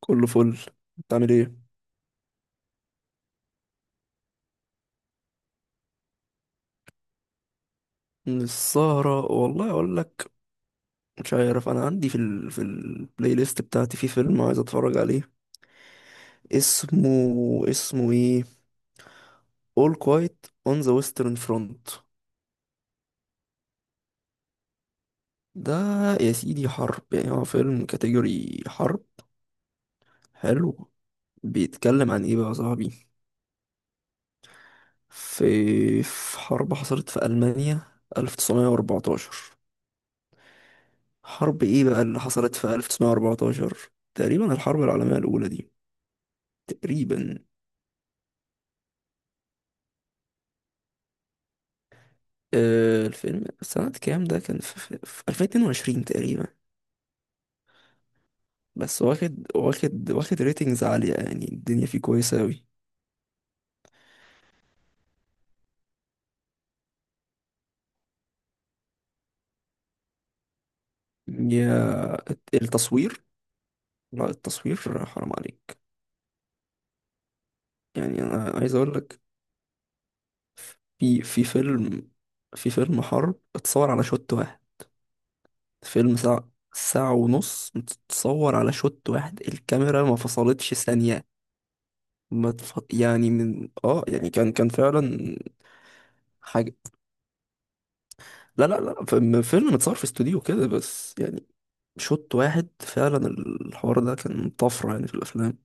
كله فل. بتعمل ايه؟ من السهرة والله اقول لك، مش عارف انا عندي في البلاي ليست بتاعتي في فيلم عايز اتفرج عليه. اسمه، اسمه ايه؟ All Quiet on the Western Front. ده يا سيدي حرب، يعني هو فيلم كاتيجوري حرب حلو. بيتكلم عن ايه بقى يا صاحبي؟ في حرب حصلت في ألمانيا 1914. حرب ايه بقى اللي حصلت في 1914؟ تقريبا الحرب العالمية الأولى دي. تقريبا آه، الفيلم سنة كام ده؟ كان في 2022 تقريبا. بس واخد ريتنجز عالية، يعني الدنيا فيه كويسة أوي. يا التصوير، لا التصوير حرام عليك. يعني أنا عايز أقول لك، في في فيلم في فيلم حرب اتصور على شوت واحد. فيلم ساعة، ساعة ونص متصور على شوت واحد، الكاميرا ما فصلتش ثانية. ما تف... يعني من اه يعني كان فعلا حاجة. لا لا لا، فيلم متصور في استوديو كده، بس يعني شوط واحد فعلا. الحوار ده كان طفرة يعني في الأفلام.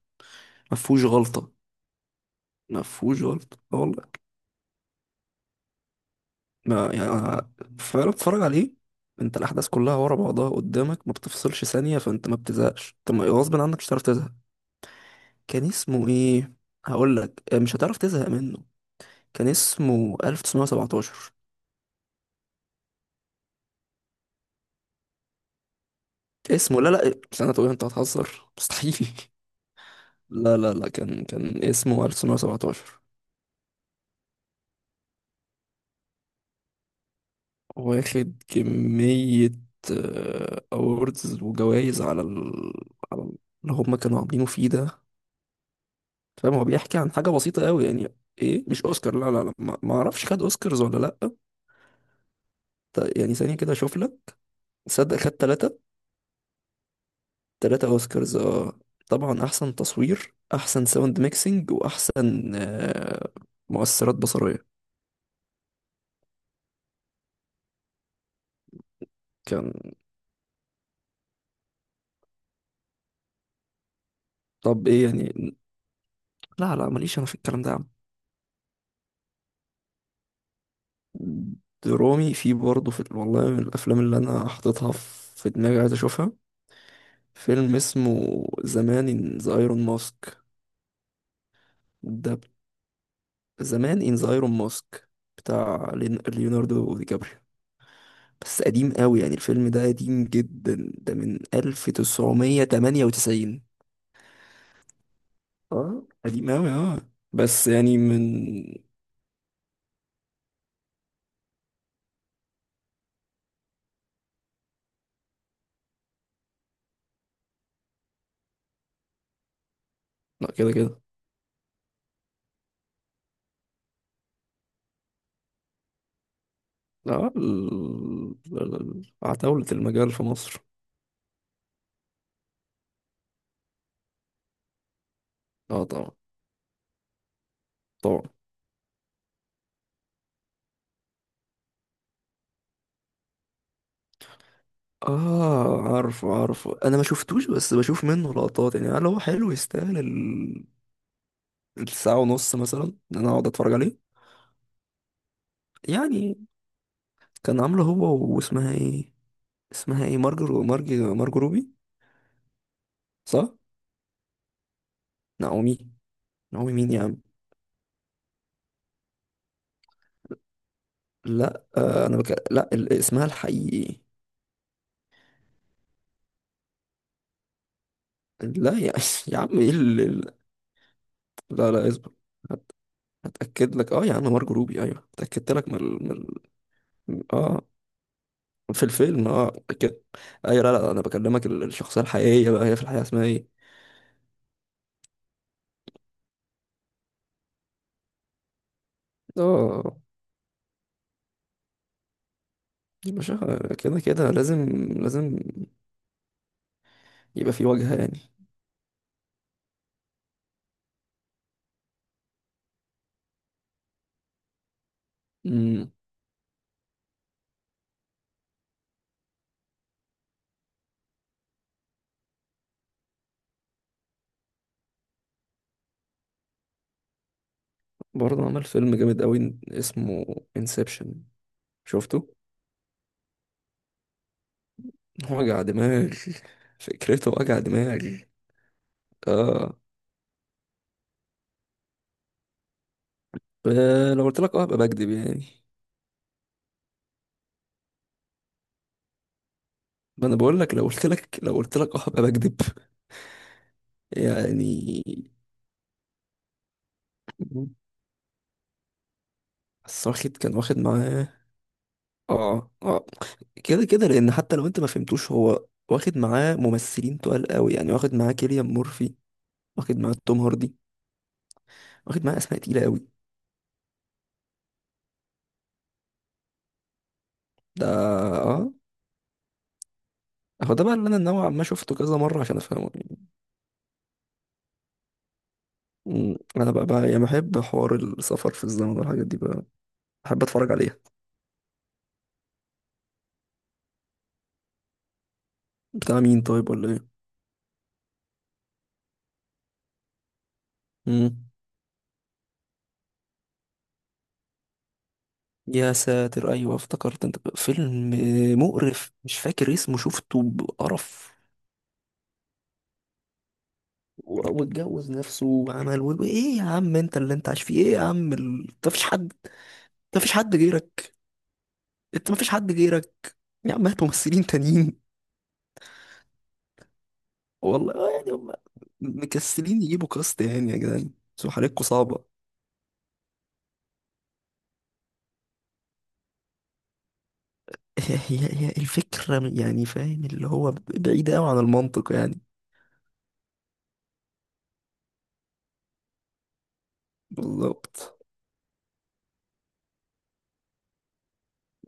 ما فيهوش غلطة، ما فيهوش غلطة. آه والله. ما يعني أنا فعلا بتتفرج عليه، انت الأحداث كلها ورا بعضها قدامك، ما بتفصلش ثانية، فانت ما بتزهقش. انت ما- غصب عنك مش هتعرف تزهق. كان اسمه ايه؟ هقول لك. آه، مش هتعرف تزهق منه. كان اسمه 1917. اسمه؟ لا لا، سنة ايه؟ انت هتهزر؟ مستحيل. لا لا لا، كان اسمه 1917. واخد كمية أوردز وجوائز على على ال- اللي هم كانوا عاملينه فيه ده، فاهم؟ هو بيحكي عن حاجة بسيطة أوي يعني. إيه، مش أوسكار، لا لا لا، ما أعرفش، خد أوسكارز ولا لأ. يعني ثانية كده أشوف لك. صدق، خد تلاتة. تلاتة أوسكارز، آه. طبعا أحسن تصوير، أحسن ساوند ميكسينج، وأحسن آه، مؤثرات بصرية. كان. طب إيه يعني؟ لا لا، ماليش أنا في الكلام ده. درامي؟ في، برضه في والله من الافلام اللي انا حاططها في دماغي، عايز اشوفها. فيلم اسمه زمان ان ذا ايرون ماسك. ده ب- زمان ان ذا ايرون ماسك، بتاع ليوناردو دي كابريو. بس قديم قوي يعني، الفيلم ده قديم جدا، ده من 1998. اه قديم قوي اه. بس يعني من. لا، كده كده. لا عتاولة المجال في مصر. اه طبعا. طبعا. اه عارفه عارفه، انا ما شفتوش بس بشوف منه لقطات. يعني هل هو حلو، يستاهل الساعة ونص مثلا، ان انا اقعد اتفرج عليه؟ يعني كان عامله هو واسمها ايه؟ اسمها ايه، مارجو مارجو روبي؟ صح، نعومي. نعومي مين يا عم؟ لا آه، انا بك... لا ال... اسمها الحقيقي. لا يا، يا عم، ايه لا لا، اصبر، هتأكد لك. اه يا عم مارجو روبي، ايوه، اتأكدت لك من من اه. في الفيلم اه كده. اي لا لا، انا بكلمك الشخصيه الحقيقيه بقى، هي في الحقيقه اسمها ايه؟ اه، مش. كده كده لازم. لازم يبقى في وجهه يعني. امم. برضه عمل فيلم جامد قوي اسمه انسبشن. شفته، وجع دماغ. فكرته وجع دماغ. اه. آه، لو قلت لك اه ابقى بكذب يعني. ما انا بقول لك، لو قلت لك، لو قلت لك اه ابقى بكذب يعني. بس واخد، كان واخد معاه. اه اه، كده كده. لان حتى لو انت ما فهمتوش، هو واخد معاه ممثلين تقال قوي يعني. واخد معاه كيليان مورفي، واخد معاه توم هاردي، واخد معاه اسماء تقيله قوي. ده اه. هو ده بقى اللي انا نوعا ما شفته كذا مره عشان افهمه يعني. أمم، انا بقى يعني بحب حوار السفر في الزمن والحاجات دي بقى، بحب اتفرج عليها. بتاع مين طيب، ولا ايه؟ أمم، يا ساتر، ايوه افتكرت انت فيلم مقرف، مش فاكر اسمه، شفته بقرف. واتجوز نفسه وعمل ايه يا عم، انت اللي انت عايش فيه ايه يا عم؟ انت مفيش حد، انت مفيش حد غيرك، انت مفيش حد غيرك. يا عم هات ممثلين تانيين. والله آه، يعني هم مكسلين يجيبوا كاست يعني يا جدعان، بس حالتكوا صعبة. هي الفكرة يعني فاهم، اللي هو بعيدة أوي عن المنطق يعني. بالظبط.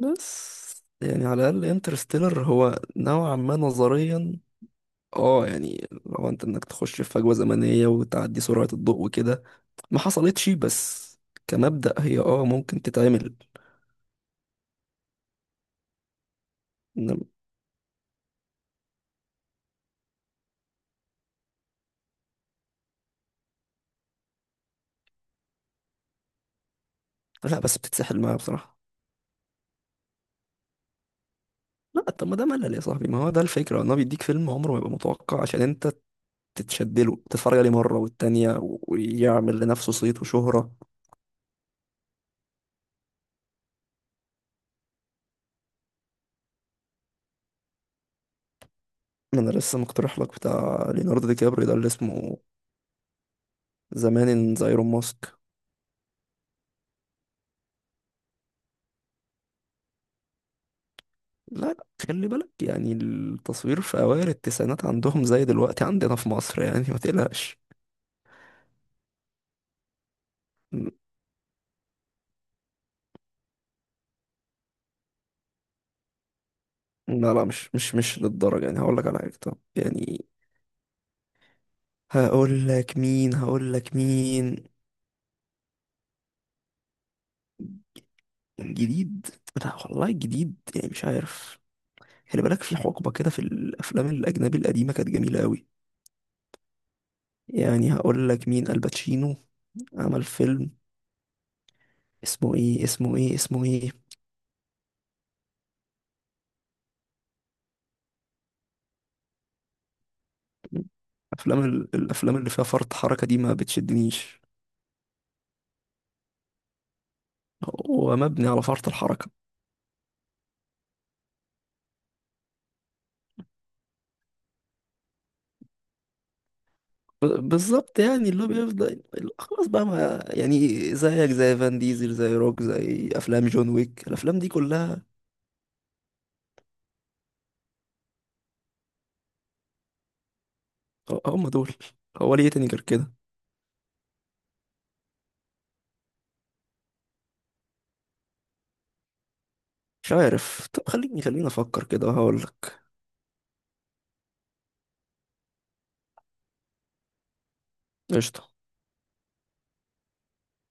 بس يعني على الأقل انترستيلر هو نوعا ما نظريا، اه يعني لو انك تخش في فجوة زمنية وتعدي سرعة الضوء وكده، ما حصلتش بس كمبدأ هي اه ممكن تتعمل. إنما- لا بس بتتسحل معايا بصراحة. لا، طب ما ده ملل يا صاحبي. ما هو ده الفكرة، ان هو بيديك فيلم عمره ما يبقى متوقع، عشان انت تتشدله تتفرج عليه مرة والتانية، ويعمل لنفسه صيت وشهرة. انا لسه مقترح لك بتاع ليوناردو دي كابريو ده اللي اسمه زمان ان ذا ايرون ماسك. لا لا، خلي بالك، يعني التصوير في أوائل التسعينات عندهم زي دلوقتي عندنا في مصر يعني، ما تقلقش. لا لا، مش للدرجة يعني. هقول لك على حاجة، طب يعني. هقول لك مين، هقول لك مين. جديد. لا والله جديد يعني مش عارف. خلي بالك، في حقبة كده في الأفلام الأجنبي القديمة كانت جميلة أوي. يعني هقول لك مين، الباتشينو، عمل فيلم اسمه إيه، اسمه إيه. أفلام الأفلام اللي فيها فرط حركة دي ما بتشدنيش، هو مبني على فرط الحركة. بالظبط، يعني اللي هو بيفضل، اللي هو خلاص بقى، ما يعني زيك زي فان ديزل، زي روك، زي أفلام جون ويك، الأفلام دي كلها. هم دول، هو ليه تاني غير كده؟ مش عارف. طب خليني أفكر كده وهقول لك. قشطة.